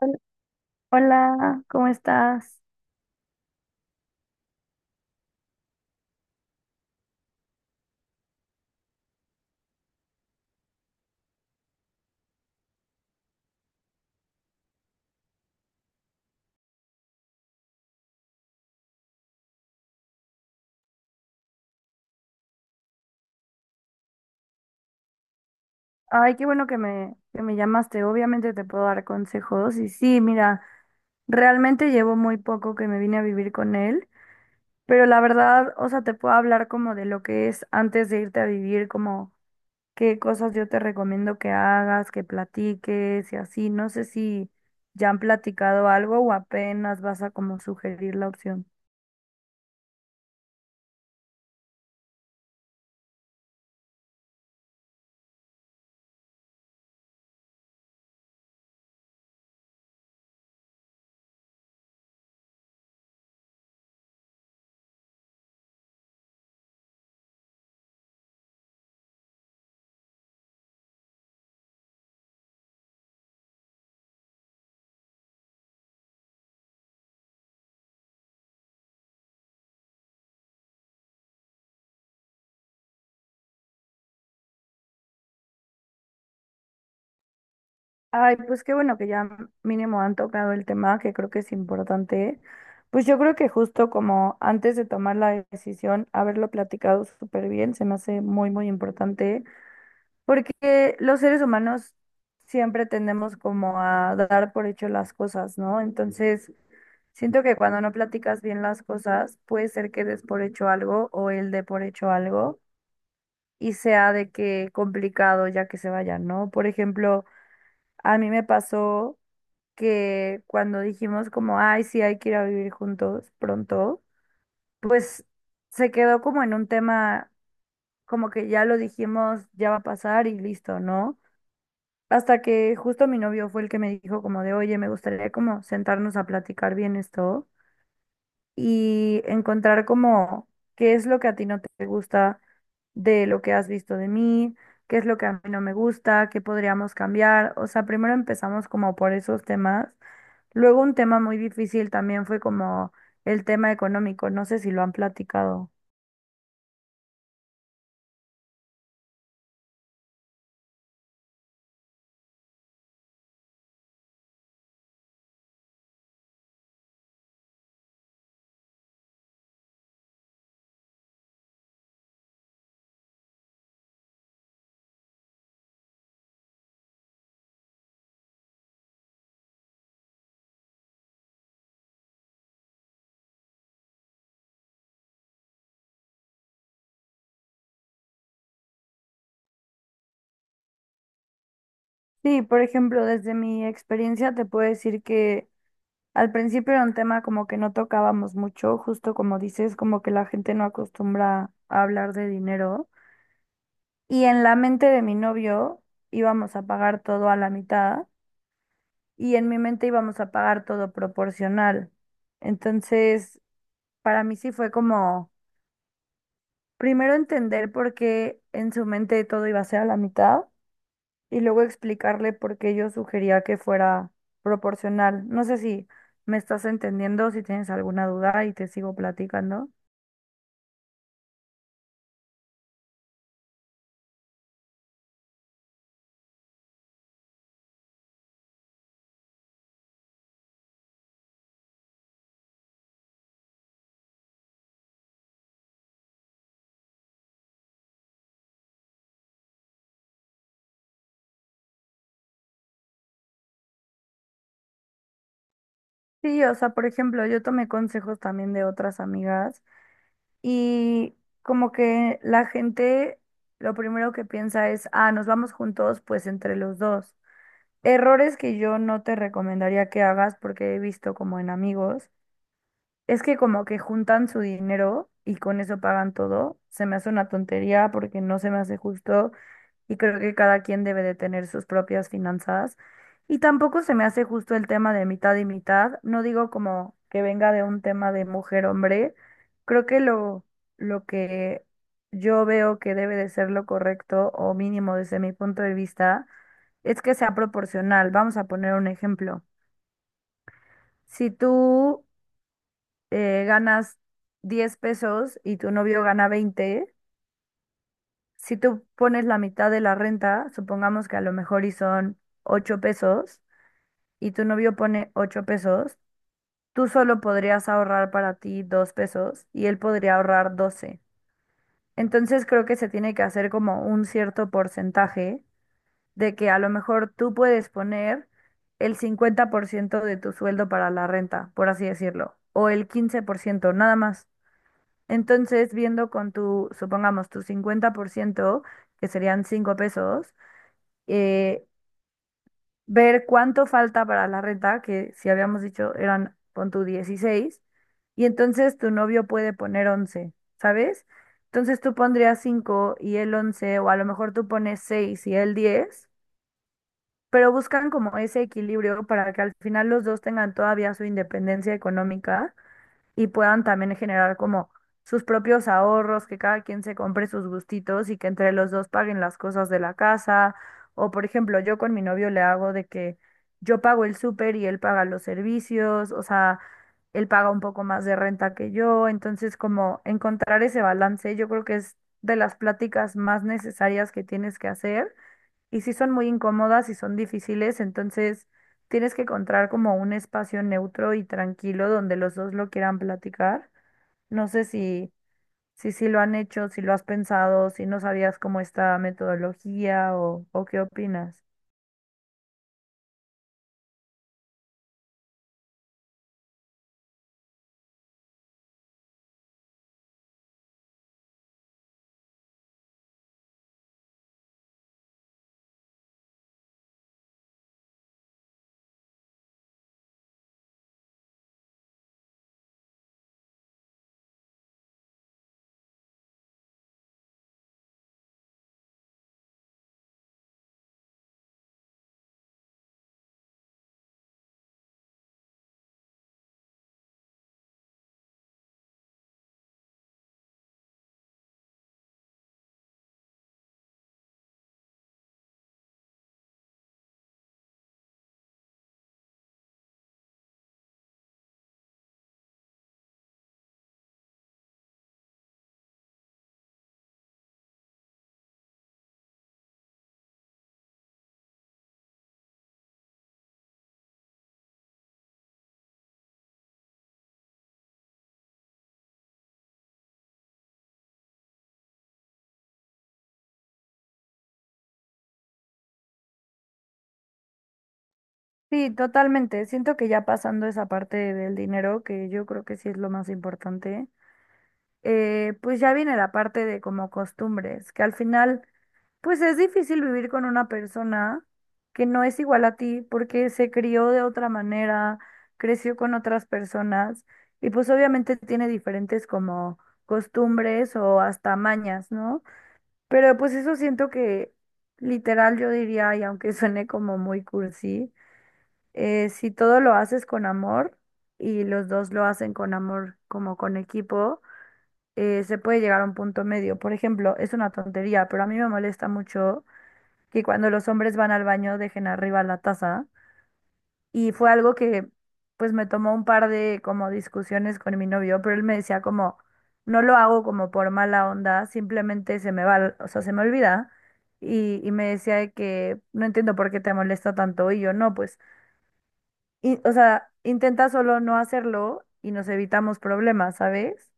Hol- Hola, ¿cómo estás? Ay, qué bueno que me llamaste. Obviamente te puedo dar consejos. Y sí, mira, realmente llevo muy poco que me vine a vivir con él, pero la verdad, o sea, te puedo hablar como de lo que es antes de irte a vivir, como qué cosas yo te recomiendo que hagas, que platiques y así. No sé si ya han platicado algo o apenas vas a como sugerir la opción. Ay, pues qué bueno que ya mínimo han tocado el tema, que creo que es importante. Pues yo creo que justo como antes de tomar la decisión, haberlo platicado súper bien, se me hace muy, muy importante, porque los seres humanos siempre tendemos como a dar por hecho las cosas, ¿no? Entonces, siento que cuando no platicas bien las cosas, puede ser que des por hecho algo o él dé por hecho algo y sea de que complicado ya que se vayan, ¿no? Por ejemplo, a mí me pasó que cuando dijimos como, ay, sí, hay que ir a vivir juntos pronto, pues se quedó como en un tema, como que ya lo dijimos, ya va a pasar y listo, ¿no? Hasta que justo mi novio fue el que me dijo como de, oye, me gustaría como sentarnos a platicar bien esto y encontrar como qué es lo que a ti no te gusta de lo que has visto de mí, qué es lo que a mí no me gusta, qué podríamos cambiar. O sea, primero empezamos como por esos temas. Luego un tema muy difícil también fue como el tema económico, no sé si lo han platicado. Sí, por ejemplo, desde mi experiencia te puedo decir que al principio era un tema como que no tocábamos mucho, justo como dices, como que la gente no acostumbra a hablar de dinero. Y en la mente de mi novio íbamos a pagar todo a la mitad y en mi mente íbamos a pagar todo proporcional. Entonces, para mí sí fue como primero entender por qué en su mente todo iba a ser a la mitad y luego explicarle por qué yo sugería que fuera proporcional. No sé si me estás entendiendo, si tienes alguna duda y te sigo platicando. Sí, o sea, por ejemplo, yo tomé consejos también de otras amigas y como que la gente lo primero que piensa es, ah, nos vamos juntos, pues entre los dos. Errores que yo no te recomendaría que hagas porque he visto como en amigos. Es que como que juntan su dinero y con eso pagan todo. Se me hace una tontería porque no se me hace justo y creo que cada quien debe de tener sus propias finanzas. Y tampoco se me hace justo el tema de mitad y mitad. No digo como que venga de un tema de mujer-hombre. Creo que lo que yo veo que debe de ser lo correcto o mínimo desde mi punto de vista es que sea proporcional. Vamos a poner un ejemplo. Si tú ganas 10 pesos y tu novio gana 20, si tú pones la mitad de la renta, supongamos que a lo mejor y son 8 pesos y tu novio pone 8 pesos, tú solo podrías ahorrar para ti 2 pesos y él podría ahorrar 12. Entonces creo que se tiene que hacer como un cierto porcentaje de que a lo mejor tú puedes poner el 50% de tu sueldo para la renta, por así decirlo, o el 15% nada más. Entonces, viendo con tu, supongamos, tu 50%, que serían 5 pesos, eh, ver cuánto falta para la renta, que si habíamos dicho eran con tu 16 y entonces tu novio puede poner 11, ¿sabes? Entonces tú pondrías 5 y él 11 o a lo mejor tú pones 6 y él 10, pero buscan como ese equilibrio para que al final los dos tengan todavía su independencia económica y puedan también generar como sus propios ahorros, que cada quien se compre sus gustitos y que entre los dos paguen las cosas de la casa. O por ejemplo, yo con mi novio le hago de que yo pago el súper y él paga los servicios, o sea, él paga un poco más de renta que yo. Entonces, como encontrar ese balance, yo creo que es de las pláticas más necesarias que tienes que hacer y sí son muy incómodas y son difíciles, entonces tienes que encontrar como un espacio neutro y tranquilo donde los dos lo quieran platicar. No sé si, si, sí lo han hecho, si lo has pensado, si no sabías cómo esta metodología o qué opinas. Sí, totalmente. Siento que ya pasando esa parte del dinero, que yo creo que sí es lo más importante, pues ya viene la parte de como costumbres, que al final pues es difícil vivir con una persona que no es igual a ti porque se crió de otra manera, creció con otras personas y pues obviamente tiene diferentes como costumbres o hasta mañas, ¿no? Pero pues eso siento que literal yo diría, y aunque suene como muy cursi, si todo lo haces con amor y los dos lo hacen con amor como con equipo, se puede llegar a un punto medio. Por ejemplo, es una tontería, pero a mí me molesta mucho que cuando los hombres van al baño dejen arriba la taza. Y fue algo que pues me tomó un par de como discusiones con mi novio, pero él me decía como, no lo hago como por mala onda, simplemente se me va, o sea, se me olvida. Y me decía de que no entiendo por qué te molesta tanto y yo no, pues, o sea, intenta solo no hacerlo y nos evitamos problemas, ¿sabes?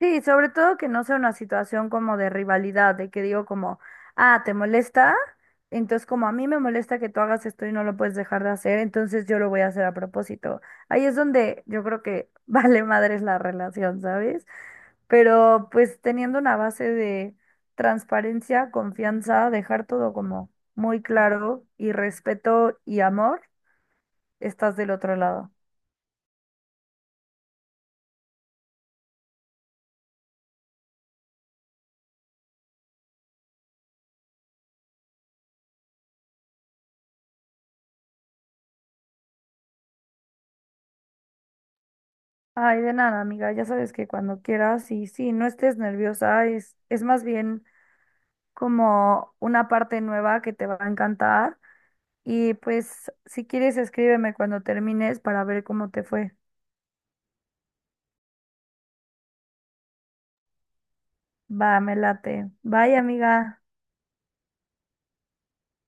Sí, sobre todo que no sea una situación como de rivalidad, de que digo como, ah, ¿te molesta? Entonces como a mí me molesta que tú hagas esto y no lo puedes dejar de hacer, entonces yo lo voy a hacer a propósito. Ahí es donde yo creo que vale madres la relación, ¿sabes? Pero pues teniendo una base de transparencia, confianza, dejar todo como muy claro y respeto y amor, estás del otro lado. Ay, de nada, amiga. Ya sabes que cuando quieras y sí, no estés nerviosa, es más bien como una parte nueva que te va a encantar. Y pues, si quieres, escríbeme cuando termines para ver cómo te fue. Va, me late. Bye, amiga.